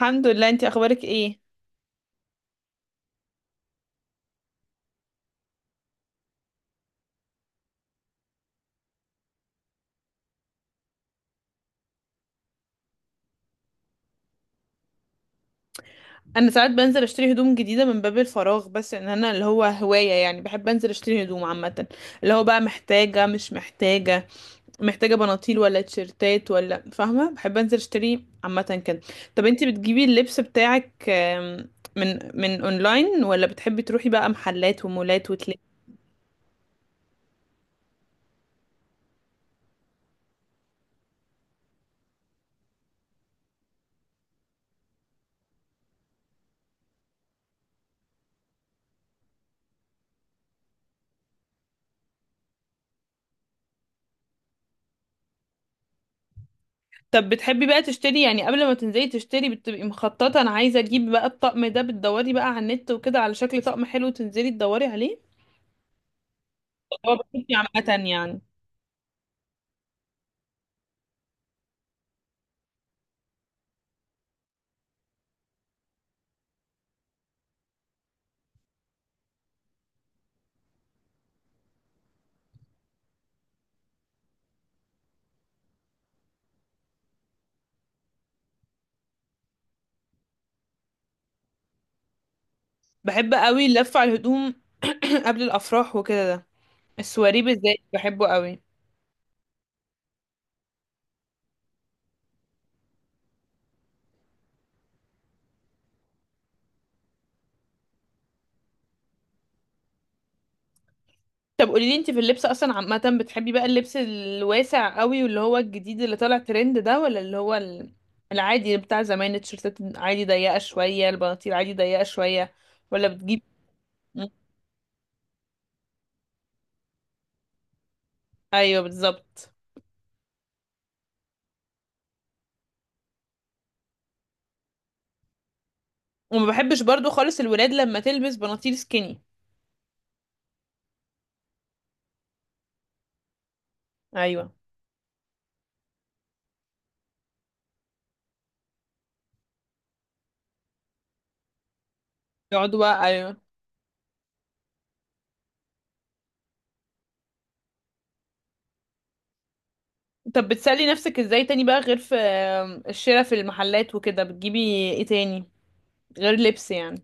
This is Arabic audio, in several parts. الحمد لله، انتي اخبارك ايه؟ انا ساعات بنزل اشتري هدوم جديده من باب الفراغ، بس ان انا اللي هو هوايه يعني بحب انزل اشتري هدوم عامه. اللي هو بقى محتاجه مش محتاجه، محتاجه بناطيل ولا تيشرتات ولا فاهمه. بحب انزل اشتري عامه كده. طب انتي بتجيبي اللبس بتاعك من اونلاين ولا بتحبي تروحي بقى محلات ومولات وتلاقي؟ طب بتحبي بقى تشتري، يعني قبل ما تنزلي تشتري بتبقي مخططه انا عايزه اجيب بقى الطقم ده، بتدوري بقى على النت وكده على شكل طقم حلو تنزلي تدوري عليه؟ هو بشوفني عامة يعني. بحب قوي اللف على الهدوم. قبل الأفراح وكده ده، السواري بالذات بحبه قوي. طب قولي لي انت في اللبس اصلا عامة، بتحبي بقى اللبس الواسع قوي واللي هو الجديد اللي طالع ترند ده، ولا اللي هو العادي بتاع زمان؟ التيشيرتات عادي ضيقة شوية، البناطيل عادي ضيقة شوية، ولا بتجيب؟ م- ايوه بالظبط. وما بحبش برضو خالص الولاد لما تلبس بناطيل سكيني. ايوه، يقعدوا بقى، ايوه. طب بتسلي نفسك ازاي تاني بقى، غير في الشراء في المحلات وكده بتجيبي ايه تاني غير لبس يعني؟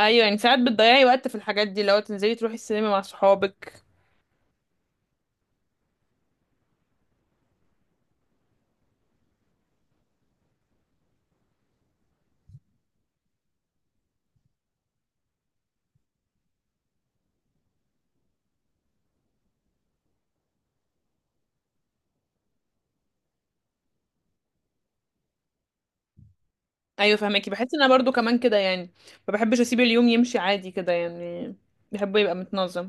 ايوه يعني، ساعات بتضيعي وقت في الحاجات دي لو تنزلي تروحي السينما مع صحابك. ايوه فهماكي، بحس ان انا برضو كمان كده يعني. ما بحبش اسيب اليوم يمشي عادي كده يعني، بحبه يبقى متنظم.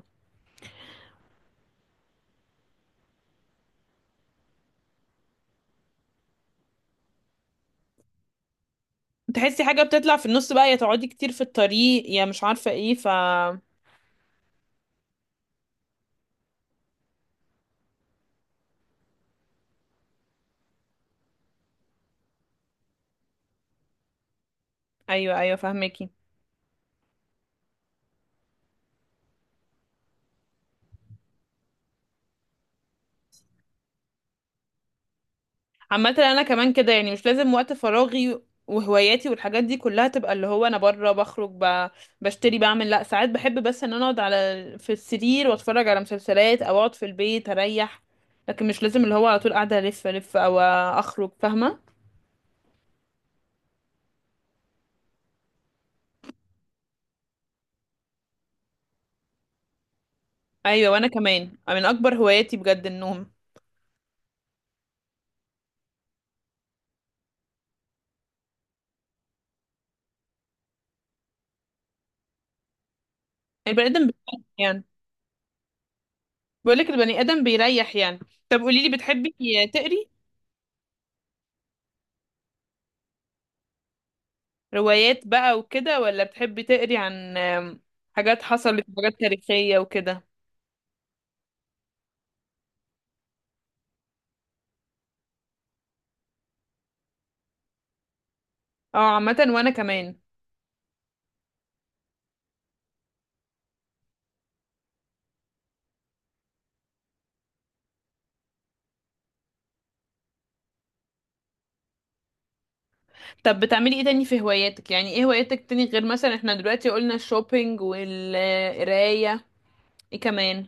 تحسي حاجه بتطلع في النص بقى، يا تقعدي كتير في الطريق، يا مش عارفه ايه، ف... ايوه ايوه فهماكي. عامة انا كمان كده يعني، مش لازم وقت فراغي وهواياتي والحاجات دي كلها تبقى اللي هو انا بره بخرج ب... بشتري بعمل. لا، ساعات بحب بس ان انا اقعد على في السرير واتفرج على مسلسلات او اقعد في البيت اريح. لكن مش لازم اللي هو على طول قاعدة الف او اخرج، فاهمة. ايوه، وانا كمان من اكبر هواياتي بجد النوم. البني ادم بيريح يعني. بقولك البني ادم بيريح يعني. طب قوليلي، بتحبي تقري روايات بقى وكده، ولا بتحبي تقري عن حاجات حصلت، حاجات تاريخية وكده؟ اه، عامة وانا كمان. طب بتعملي ايه تاني في هواياتك؟ يعني ايه هواياتك تاني، غير مثلا احنا دلوقتي قلنا الشوبينج والقراية، ايه كمان؟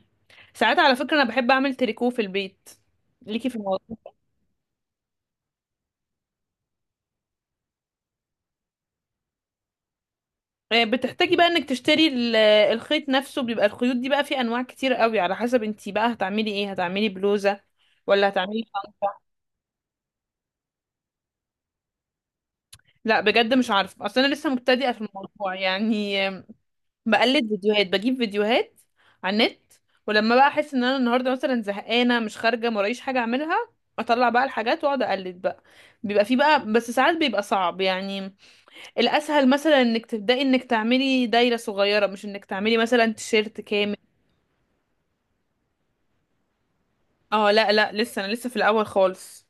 ساعات على فكرة انا بحب اعمل تريكو في البيت، ليكي في الموضوع؟ بتحتاجي بقى انك تشتري الخيط نفسه. بيبقى الخيوط دي بقى في انواع كتير قوي، على حسب انتي بقى هتعملي ايه، هتعملي بلوزة ولا هتعملي شنطة. لا بجد مش عارفة، اصل انا لسه مبتدئة في الموضوع يعني. بقلد فيديوهات، بجيب فيديوهات على النت. ولما بقى احس ان انا النهارده مثلا زهقانه مش خارجه مرايش حاجه اعملها، اطلع بقى الحاجات واقعد اقلد بقى. بيبقى في بقى، بس ساعات بيبقى صعب يعني. الاسهل مثلا انك تبداي انك تعملي دايره صغيره، مش انك تعملي مثلا تيشيرت كامل. اه لا لا، لسه انا لسه في الاول خالص.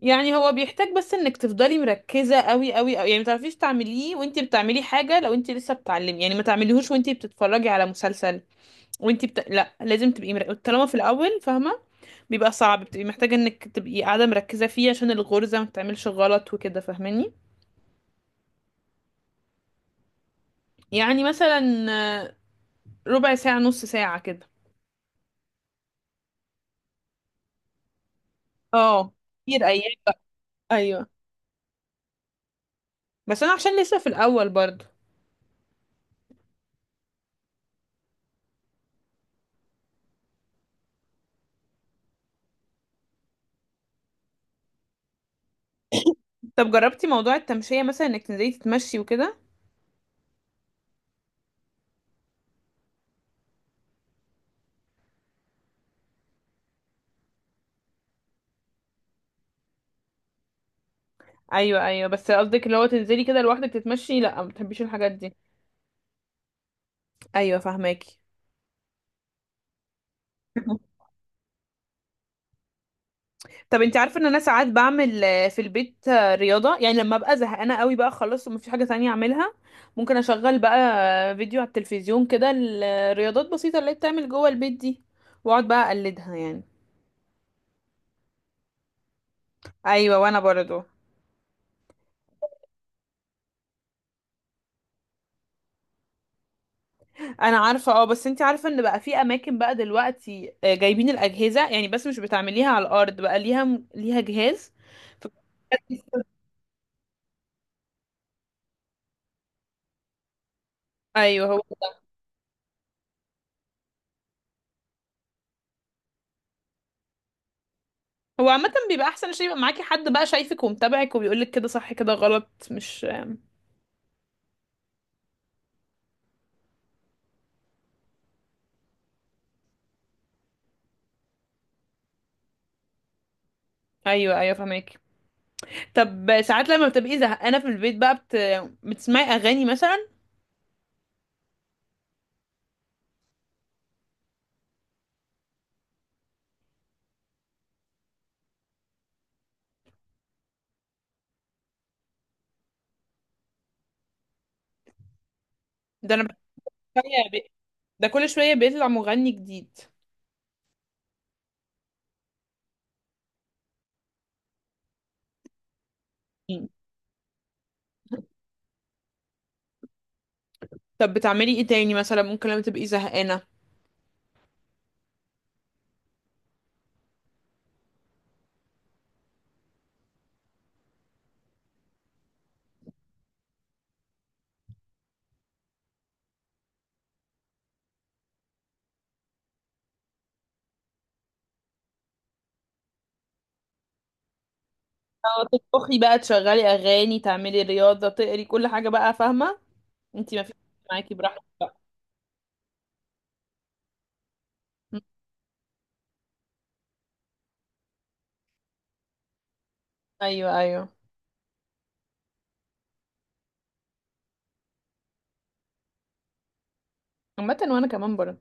يعني هو بيحتاج بس انك تفضلي مركزه قوي قوي قوي يعني. ما تعرفيش تعمليه وانتي بتعملي حاجه، لو انتي لسه بتعلمي يعني ما تعمليهوش وانتي بتتفرجي على مسلسل وانتي بت... لا لازم تبقي مر... طالما في الاول فاهمه، بيبقى صعب. بتبقي محتاجه انك تبقي قاعده مركزه فيه عشان الغرزه ما تعملش غلط وكده، فاهماني. يعني مثلا آه، ربع ساعه، نص ساعه كده. اه، كتير ايام. ايوه، بس انا عشان لسه في الاول برضه. طب جربتي موضوع التمشيه مثلا، انك تنزلي تتمشي وكده؟ ايوه ايوه، بس قصدك اللي هو تنزلي كده لوحدك تتمشي؟ لا ما بتحبيش الحاجات دي. ايوه فاهماكي. طب انت عارفه ان انا ساعات بعمل في البيت رياضه يعني، لما ابقى زهقانه قوي بقى خلاص ومفيش حاجه تانية اعملها. ممكن اشغل بقى فيديو على التلفزيون كده، الرياضات بسيطه اللي هي بتعمل جوه البيت دي، واقعد بقى اقلدها يعني. ايوه، وانا برضو. انا عارفه اه، بس انت عارفه ان بقى في اماكن بقى دلوقتي جايبين الاجهزه يعني، بس مش بتعمليها على الارض بقى، ليها جهاز. فبجد... ايوه هو ده. هو عامه بيبقى احسن عشان يبقى معاكي حد بقى شايفك ومتابعك وبيقولك كده صح كده غلط، مش ايوه ايوه فهمك. طب ساعات لما بتبقي زهقانه في البيت بقى بت... بتسمعي اغاني مثلا؟ ده انا بكل شويه بي... ده كل شويه بيطلع مغني جديد. مم. طب بتعملي ايه تاني مثلا ممكن لما تبقي زهقانه؟ أو تطبخي بقى، تشغلي اغاني، تعملي رياضه، تقري، كل حاجه بقى فاهمه. انتي ما فيش معاكي، براحتك بقى. مم. ايوه ايوه. عامه وانا كمان برضه.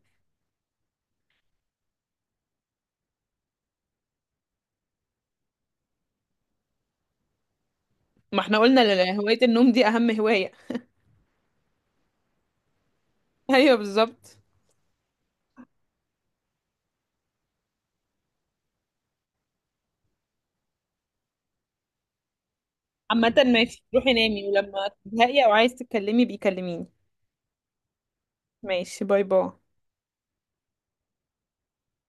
ما احنا قلنا هوايه النوم دي اهم هوايه. ايوه بالظبط. عامه ماشي، روحي نامي ولما تزهقي او عايز تتكلمي بيكلميني. ماشي، باي باي.